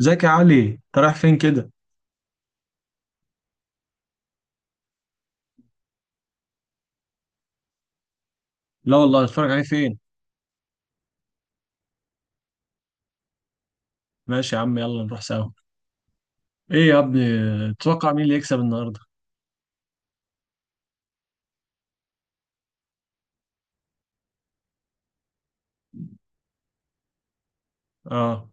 ازيك يا علي، انت رايح فين كده؟ لا والله، اتفرج عليه فين؟ ماشي يا عم، يلا نروح سوا. ايه يا ابني، تتوقع مين اللي يكسب النهارده؟ اه.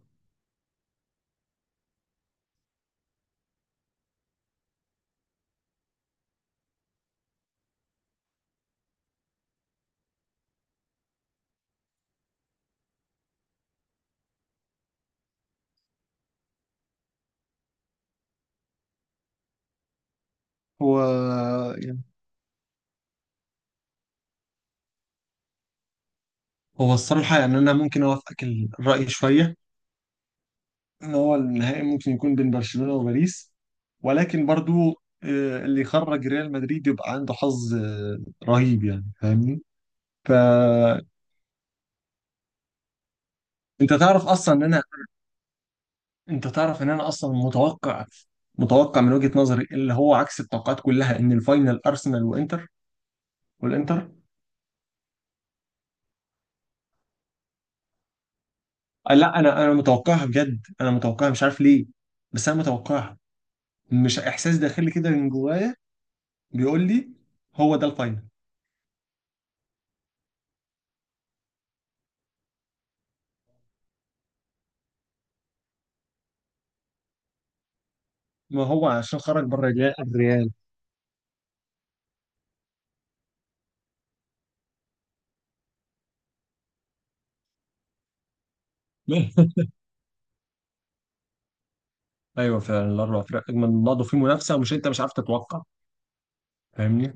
هو يعني هو الصراحة يعني أنا ممكن أوافقك الرأي شوية إن هو النهائي ممكن يكون بين برشلونة وباريس، ولكن برضو اللي يخرج ريال مدريد يبقى عنده حظ رهيب يعني. فاهمني؟ فأنت تعرف أصلا إن أنا، أنت تعرف إن أنا أصلا متوقع، متوقع من وجهة نظري اللي هو عكس التوقعات كلها إن الفاينل أرسنال وإنتر والانتر. لا انا متوقعها بجد، انا متوقعها مش عارف ليه، بس انا متوقعها. مش احساس داخلي كده من جوايا بيقول لي هو ده الفاينل. ما هو عشان خرج بره الريال، الريال. ايوه فعلا الاربع فرق اجمل من بعض وفي منافسه، مش انت مش عارف تتوقع. فاهمني؟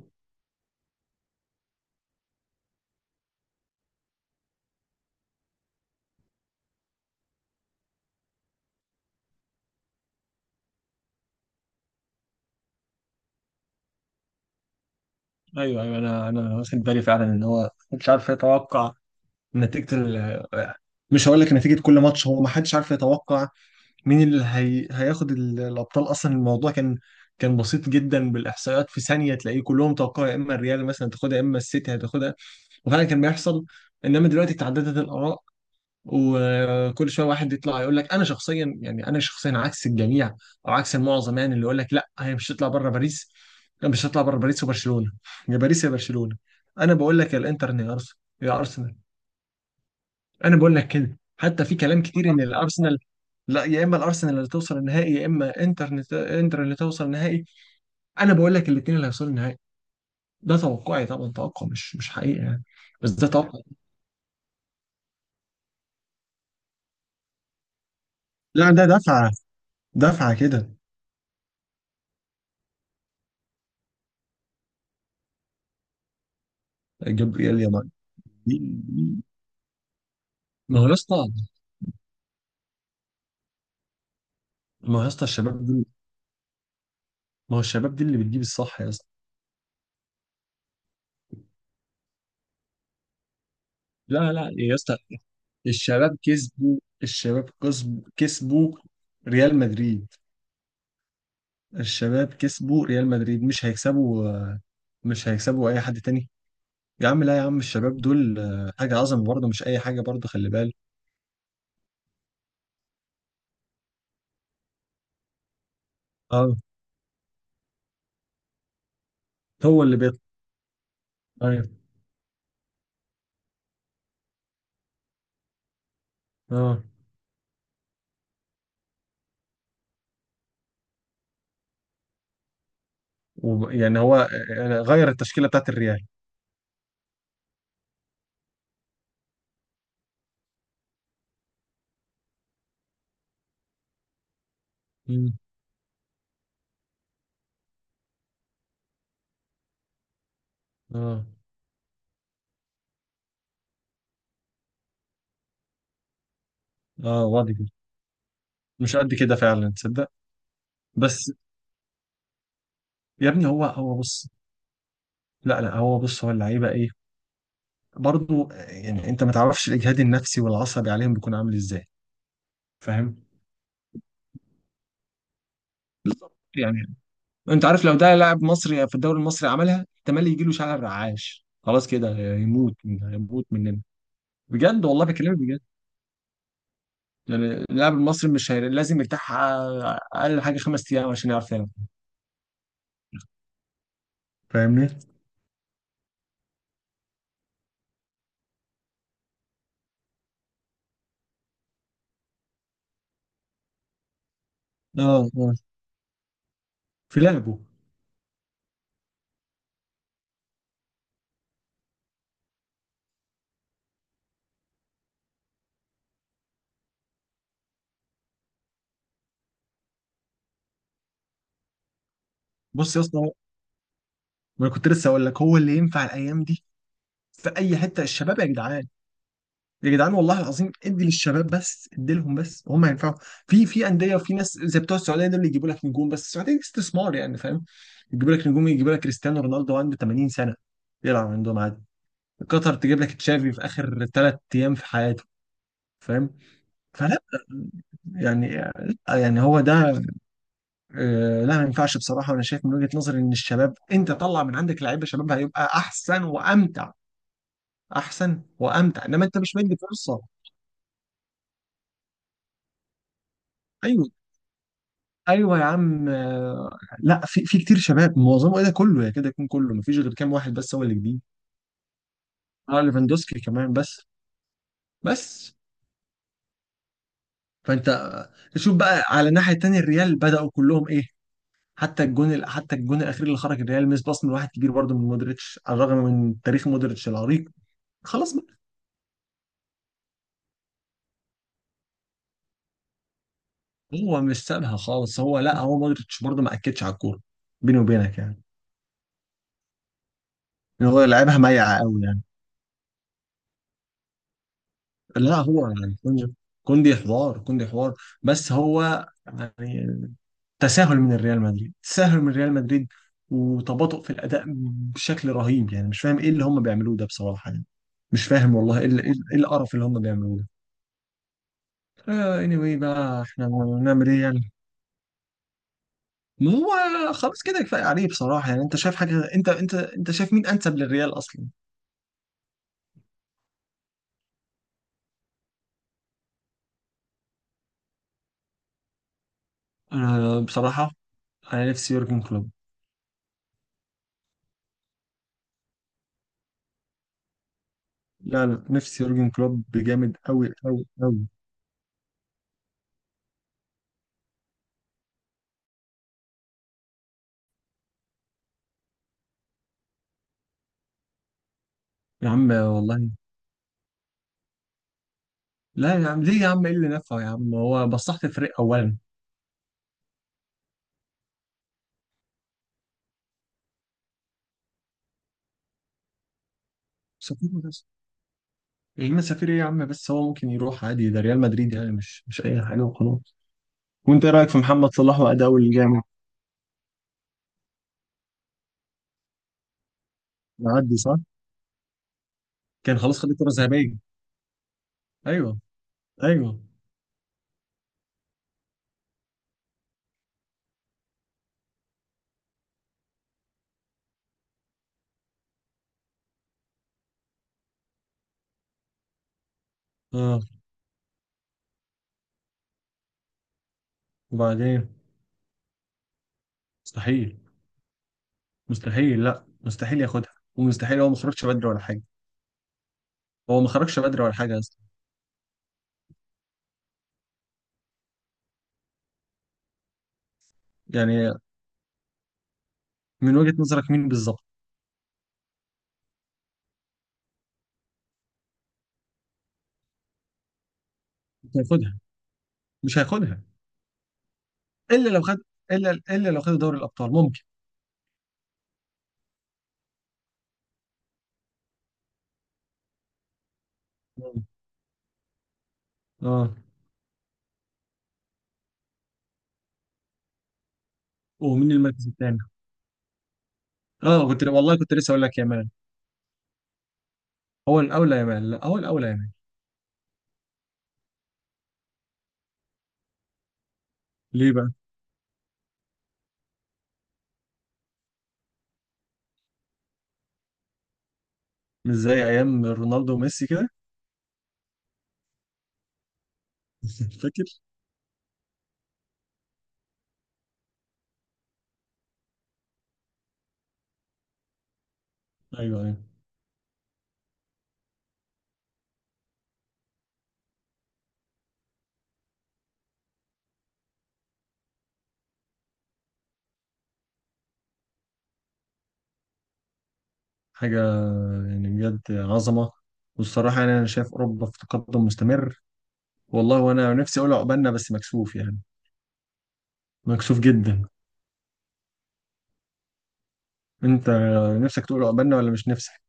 ايوه ايوه، انا واخد بالي فعلا ان هو مش عارف يتوقع نتيجه مش هقول لك نتيجه كل ماتش، هو ما حدش عارف يتوقع مين اللي هياخد الابطال اصلا. الموضوع كان بسيط جدا بالاحصائيات، في ثانيه تلاقيه كلهم توقعوا يا اما الريال مثلا تاخدها، يا اما السيتي هتاخدها، وفعلا كان بيحصل. انما دلوقتي تعددت الاراء، وكل شويه واحد يطلع يقول لك انا شخصيا، يعني انا شخصيا عكس الجميع او عكس المعظم، يعني اللي يقول لك لا هي مش هتطلع بره باريس، لا مش هتطلع بره باريس وبرشلونه، يا باريس يا برشلونه. انا بقول لك يا الانتر يا ارسنال، يا ارسنال. انا بقول لك كده حتى في كلام كتير ان الارسنال، لا يا اما الارسنال اللي توصل النهائي، يا اما انتر، انتر اللي توصل النهائي. انا بقول لك الاثنين اللي هيوصلوا النهائي. ده توقعي طبعا، توقع مش حقيقي يعني. بس ده توقع. لا ده دفعه، دفعه كده. جبريل يا مان، ما هو يا اسطى، ما هو يا اسطى الشباب دول، ما هو الشباب دي اللي بتجيب الصح يا اسطى. لا لا يا اسطى، الشباب كسبوا، الشباب كسبوا، كسبوا ريال مدريد. الشباب كسبوا ريال مدريد، مش هيكسبوا، مش هيكسبوا اي حد تاني. يا عم، لا يا عم، الشباب دول حاجه عظمه برضه، مش اي حاجه برضه، خلي بالك. اه، هو اللي بيطلع. ايوه. اه، يعني هو غير التشكيله بتاعت الريال. مم. اه. اه واضح كده. مش قد كده فعلا، تصدق؟ بس يا ابني، هو بص، لا لا هو بص، هو اللعيبه ايه برضه، يعني انت ما تعرفش الاجهاد النفسي والعصبي عليهم بيكون عامل ازاي. فاهم؟ بالظبط يعني، انت عارف لو ده لاعب مصري في الدوري المصري عملها، احتمال يجي له شلل رعاش، خلاص كده يموت، يموت مننا. بجد والله بكلمك بجد، يعني اللاعب المصري مش لازم يرتاح اقل حاجه 5 ايام عشان يعرف يلعب. فاهمني؟ اه اه، في لعبه. بص يا اسطى، ما انا كنت لسه اقول لك هو اللي ينفع الايام دي في اي حته، الشباب يا جدعان، يا جدعان والله العظيم، ادي للشباب بس، ادي لهم بس، هم هينفعوا. في انديه، وفي ناس زي بتوع السعوديه دول اللي يجيبوا لك نجوم، بس السعوديه دي استثمار يعني، فاهم؟ يجيبوا لك نجوم، يجيبوا لك كريستيانو رونالدو عنده 80 سنه يلعب عندهم عادي. قطر تجيب لك تشافي في اخر 3 ايام في حياته. فاهم؟ فلا يعني يعني هو ده، لا ما ينفعش بصراحه. وانا شايف من وجهه نظري ان الشباب، انت طلع من عندك لعيبه شباب هيبقى احسن وامتع، احسن وامتع. انما انت مش مدي فرصه. ايوه ايوه يا عم، لا في كتير شباب، معظمه ايه ده كله، يا كده يكون كله مفيش غير كام واحد بس هو اللي جديد. اه، ليفاندوسكي كمان، بس. بس فانت تشوف بقى على الناحيه التانيه الريال بداوا كلهم ايه، حتى حتى الجون الاخير اللي خرج الريال، مس باص من واحد كبير برضه، من مودريتش على الرغم من تاريخ مودريتش العريق. خلاص بقى. هو مش سابها خالص، هو لا، هو مودريتش برضه ما اكدش على الكوره، بيني وبينك يعني. إن هو لعبها ميعه قوي يعني. لا هو يعني كوندي، كوندي حوار، كوندي حوار. بس هو يعني، تساهل من الريال مدريد، تساهل من ريال مدريد، وتباطؤ في الأداء بشكل رهيب يعني. مش فاهم ايه اللي هم بيعملوه ده بصراحة يعني، مش فاهم والله ايه إيه القرف اللي هم بيعملوه ده. آه anyway بقى، احنا نعمل ايه يعني؟ ما هو خلاص كده، كفاية عليه بصراحة يعني. انت شايف حاجة، انت شايف مين انسب للريال اصلا؟ انا بصراحة، انا نفسي يورجن كلوب. لا لا، نفسي يورجن كلوب بجامد، قوي قوي قوي. يا عم والله، لا يا عم، ليه يا عم؟ ايه اللي نفعه يا عم، هو بصحت الفريق اولا. سفير بس؟ يا عم سفير ايه يا عم، بس هو ممكن يروح عادي، ده ريال مدريد يعني، مش مش اي حاجه وخلاص. وانت ايه رايك في محمد صلاح واداؤه الجامد؟ معدي صح. كان خلاص خد الكره الذهبيه. ايوه ايوه. اه، وبعدين مستحيل، مستحيل، لا مستحيل ياخدها، ومستحيل، هو ما خرجش بدري ولا حاجه. هو ما خرجش بدري ولا حاجه اصلا. يعني من وجهه نظرك مين بالظبط؟ مش هياخدها، مش هياخدها الا لو خد، الا لو خد دوري الابطال ممكن. اه، ومين المركز الثاني؟ اه كنت، والله كنت لسه اقول لك يامال. هو الاولى يامال، لا هو الاولى يامال. ليه بقى؟ مش زي ايام رونالدو وميسي كده؟ فاكر؟ ايوه ايوه. حاجه يعني، بجد عظمه. والصراحه يعني انا شايف اوروبا في تقدم مستمر والله. وانا نفسي اقول عقبالنا بس مكسوف يعني، مكسوف جدا. انت نفسك تقول عقبالنا ولا مش نفسك؟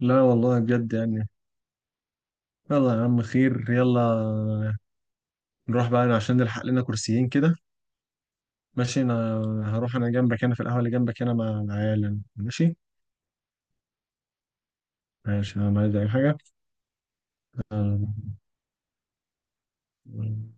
لا والله بجد يعني. يلا يا عم، خير، يلا نروح بقى عشان نلحق لنا كرسيين كده. ماشي، انا هروح انا جنبك هنا في القهوة اللي جنبك هنا مع العيال يعني. ماشي. ماشي انا، عايز اي حاجة؟ آه،